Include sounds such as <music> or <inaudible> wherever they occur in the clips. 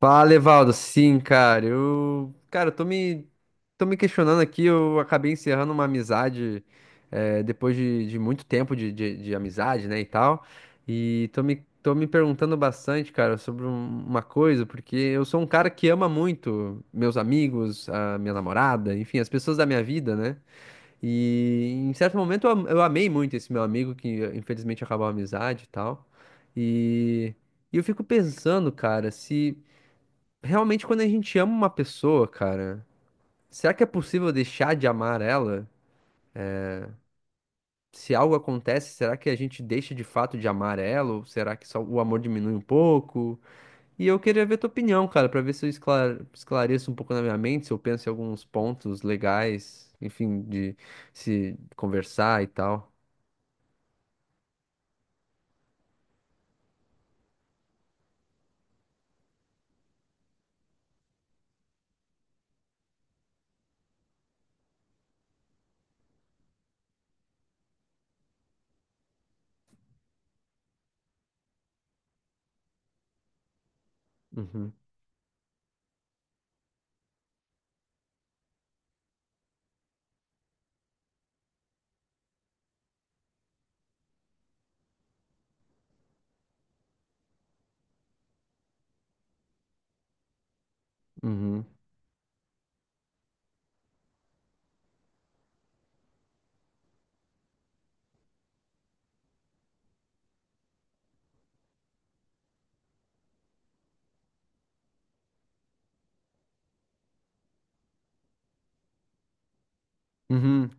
Fala, Evaldo. Sim, cara. Eu, cara, eu tô me questionando aqui. Eu acabei encerrando uma amizade depois de muito tempo de amizade, né, e tal. E tô me perguntando bastante, cara, sobre uma coisa, porque eu sou um cara que ama muito meus amigos, a minha namorada, enfim, as pessoas da minha vida, né? E em certo momento eu amei muito esse meu amigo, que infelizmente acabou a amizade e tal. E, e eu fico pensando, cara, se. Realmente, quando a gente ama uma pessoa, cara, será que é possível deixar de amar ela? Se algo acontece, será que a gente deixa de fato de amar ela? Ou será que só o amor diminui um pouco? E eu queria ver tua opinião, cara, pra ver se eu esclareço um pouco na minha mente, se eu penso em alguns pontos legais, enfim, de se conversar e tal. Uhum, uhum, uhum.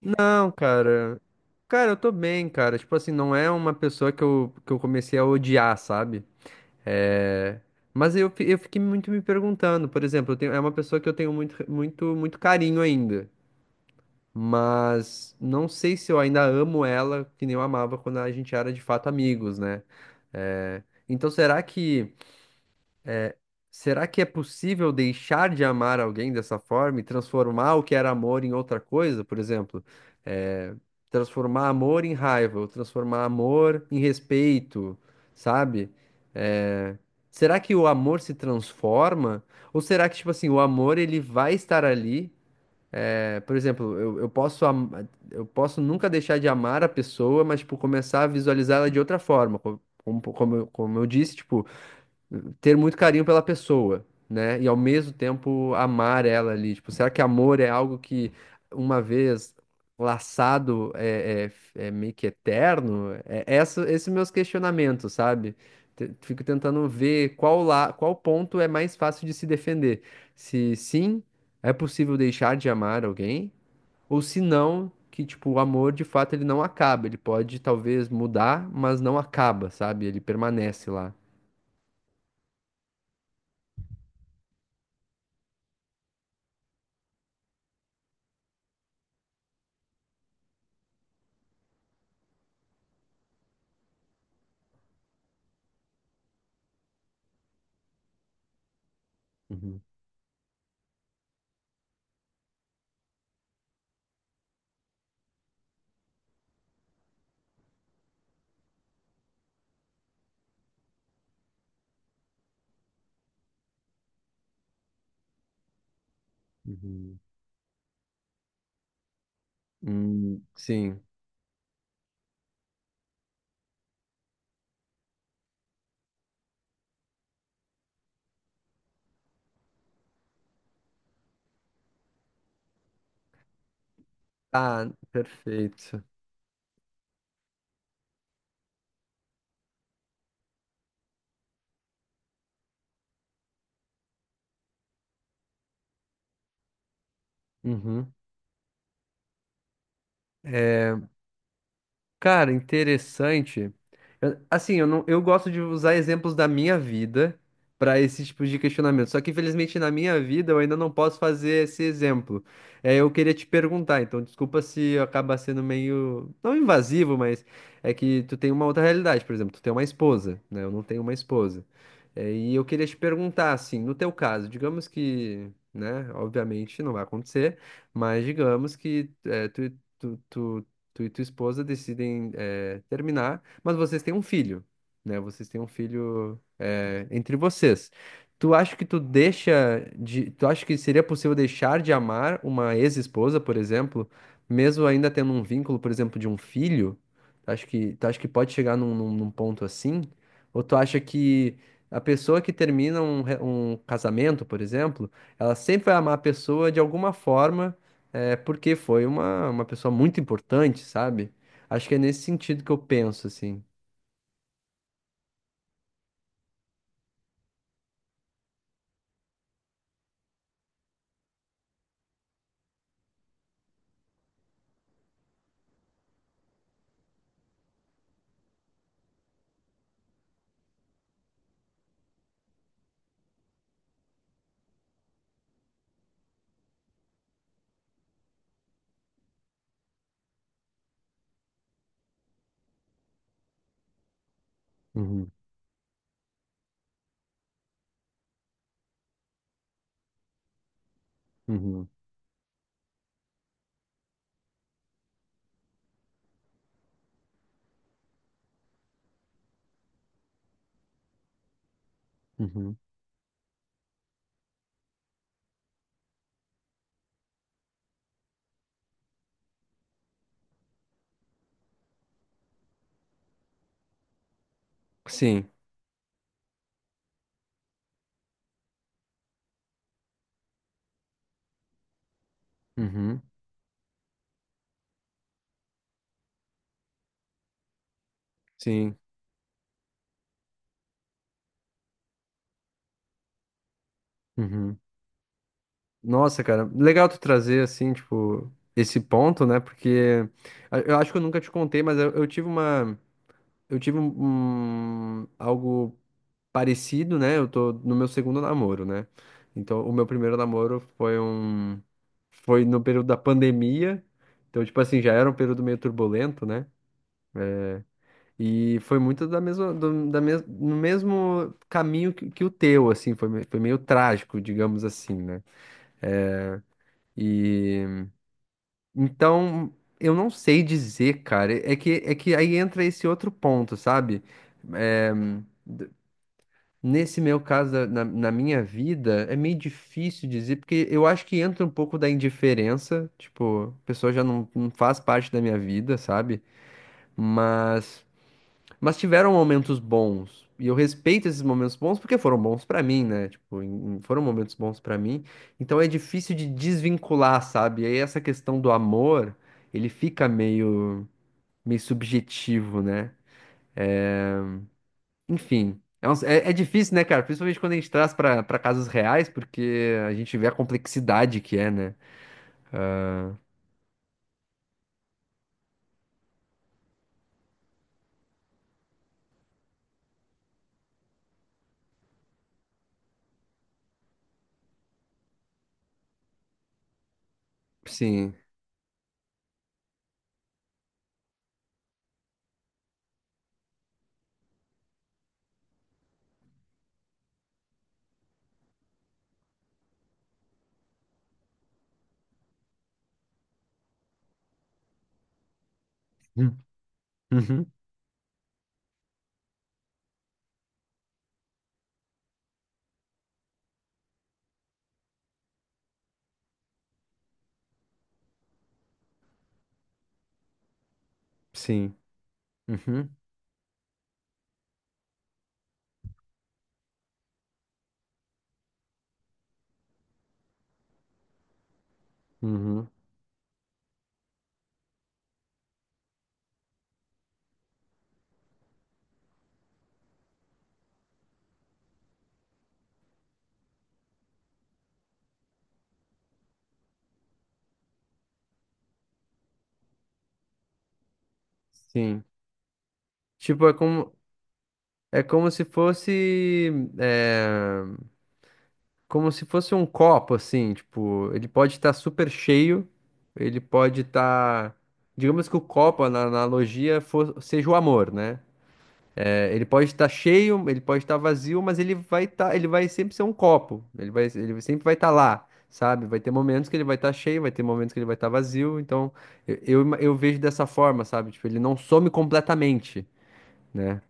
Não, cara. Cara, eu tô bem, cara. Tipo assim, não é uma pessoa que eu comecei a odiar, sabe? É, Mas eu fiquei muito me perguntando, por exemplo, é uma pessoa que eu tenho muito, muito, muito carinho ainda, mas não sei se eu ainda amo ela que nem eu amava quando a gente era de fato amigos, né? É, Então será que Será que é possível deixar de amar alguém dessa forma e transformar o que era amor em outra coisa? Por exemplo, eh, transformar amor em raiva, ou transformar amor em respeito, sabe? Eh, Será que o amor se transforma? Ou será que, tipo assim, o amor ele vai estar ali? Por exemplo, eu posso eu posso nunca deixar de amar a pessoa, mas, tipo, começar a visualizar ela de outra forma. Como, como eu disse, tipo ter muito carinho pela pessoa, né? E ao mesmo tempo amar ela ali. Tipo, será que amor é algo que uma vez laçado é, é meio que eterno? Esses meus questionamentos, sabe? Fico tentando ver qual lá, qual ponto é mais fácil de se defender. Se sim, é possível deixar de amar alguém, ou se não, que tipo, o amor de fato ele não acaba, ele pode talvez mudar, mas não acaba, sabe? Ele permanece lá. Uhum, uhum. Sim. Ah, perfeito. Uhum. É, Cara, interessante. Assim, eu não, eu gosto de usar exemplos da minha vida para esse tipo de questionamento. Só que, infelizmente, na minha vida eu ainda não posso fazer esse exemplo. É, eu queria te perguntar, então, desculpa se acaba sendo meio, não invasivo, mas é que tu tem uma outra realidade, por exemplo, tu tem uma esposa, né? Eu não tenho uma esposa. É, e eu queria te perguntar, assim, no teu caso, digamos que, né, obviamente não vai acontecer, mas digamos que tu, tu tu e tua esposa decidem terminar, mas vocês têm um filho, né? Vocês têm um filho entre vocês. Tu acha que seria possível deixar de amar uma ex-esposa, por exemplo, mesmo ainda tendo um vínculo, por exemplo, de um filho? Tu acha que pode chegar num ponto assim? Ou tu acha que a pessoa que termina um casamento, por exemplo, ela sempre vai amar a pessoa de alguma forma? É porque foi uma pessoa muito importante, sabe? Acho que é nesse sentido que eu penso, assim. Uhum, uhum, uhum, sim, uhum, sim. Uhum. Nossa, cara, legal tu trazer, assim, tipo, esse ponto, né? Porque eu acho que eu nunca te contei, mas eu tive uma. Eu tive algo parecido, né? Eu tô no meu segundo namoro, né? Então, o meu primeiro namoro foi foi no período da pandemia. Então, tipo assim, já era um período meio turbulento, né? E foi muito da mesma, no mesmo caminho que o teu, assim, foi, foi meio trágico, digamos assim, né? E então, eu não sei dizer, cara. É que aí entra esse outro ponto, sabe? É, Nesse meu caso, na minha vida, é meio difícil dizer, porque eu acho que entra um pouco da indiferença, tipo, a pessoa já não, não faz parte da minha vida, sabe? Mas, mas tiveram momentos bons, e eu respeito esses momentos bons porque foram bons pra mim, né? Tipo, foram momentos bons pra mim, então é difícil de desvincular, sabe? E aí essa questão do amor, ele fica meio subjetivo, né? Enfim, é difícil, né, cara? Principalmente quando a gente traz pra casos reais, porque a gente vê a complexidade que é, né? Sim. Hum. Uhum. Sim. Uhum. Uhum. Sim. Tipo, é como se fosse, é, como se fosse um copo, assim, tipo, ele pode estar super cheio, ele pode estar, digamos que o copo, na na analogia, seja o amor, né? Ele pode estar cheio, ele pode estar vazio, mas ele vai sempre ser um copo. Ele sempre vai estar lá, sabe? Vai ter momentos que ele vai estar cheio, vai ter momentos que ele vai estar vazio. Então, eu vejo dessa forma, sabe? Tipo, ele não some completamente, né?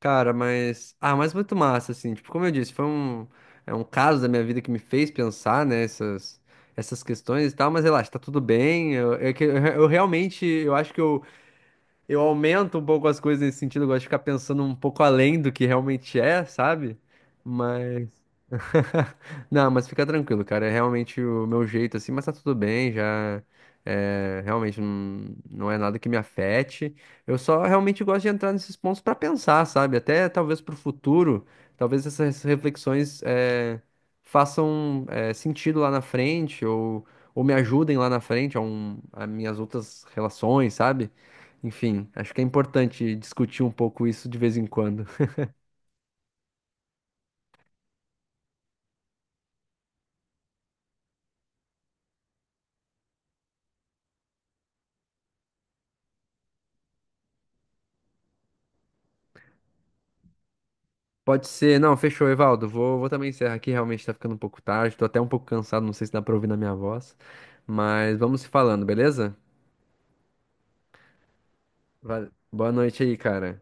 Cara, mas. Ah, mas muito massa, assim. Tipo, como eu disse, é um caso da minha vida que me fez pensar essas essas questões e tal, mas relaxa, tá tudo bem. Eu realmente, eu acho que eu. Eu aumento um pouco as coisas nesse sentido, eu gosto de ficar pensando um pouco além do que realmente é, sabe? Mas <laughs> Não, mas fica tranquilo, cara. É realmente o meu jeito, assim, mas tá tudo bem, já. É, realmente não é nada que me afete. Eu só realmente gosto de entrar nesses pontos pra pensar, sabe? Até talvez pro futuro, talvez essas reflexões façam sentido lá na frente ou me ajudem lá na frente a, um, a minhas outras relações, sabe? Enfim, acho que é importante discutir um pouco isso de vez em quando. Pode ser. Não, fechou, Evaldo. Vou também encerrar aqui. Realmente tá ficando um pouco tarde. Tô até um pouco cansado. Não sei se dá pra ouvir na minha voz. Mas vamos se falando, beleza? Vale. Boa noite aí, cara.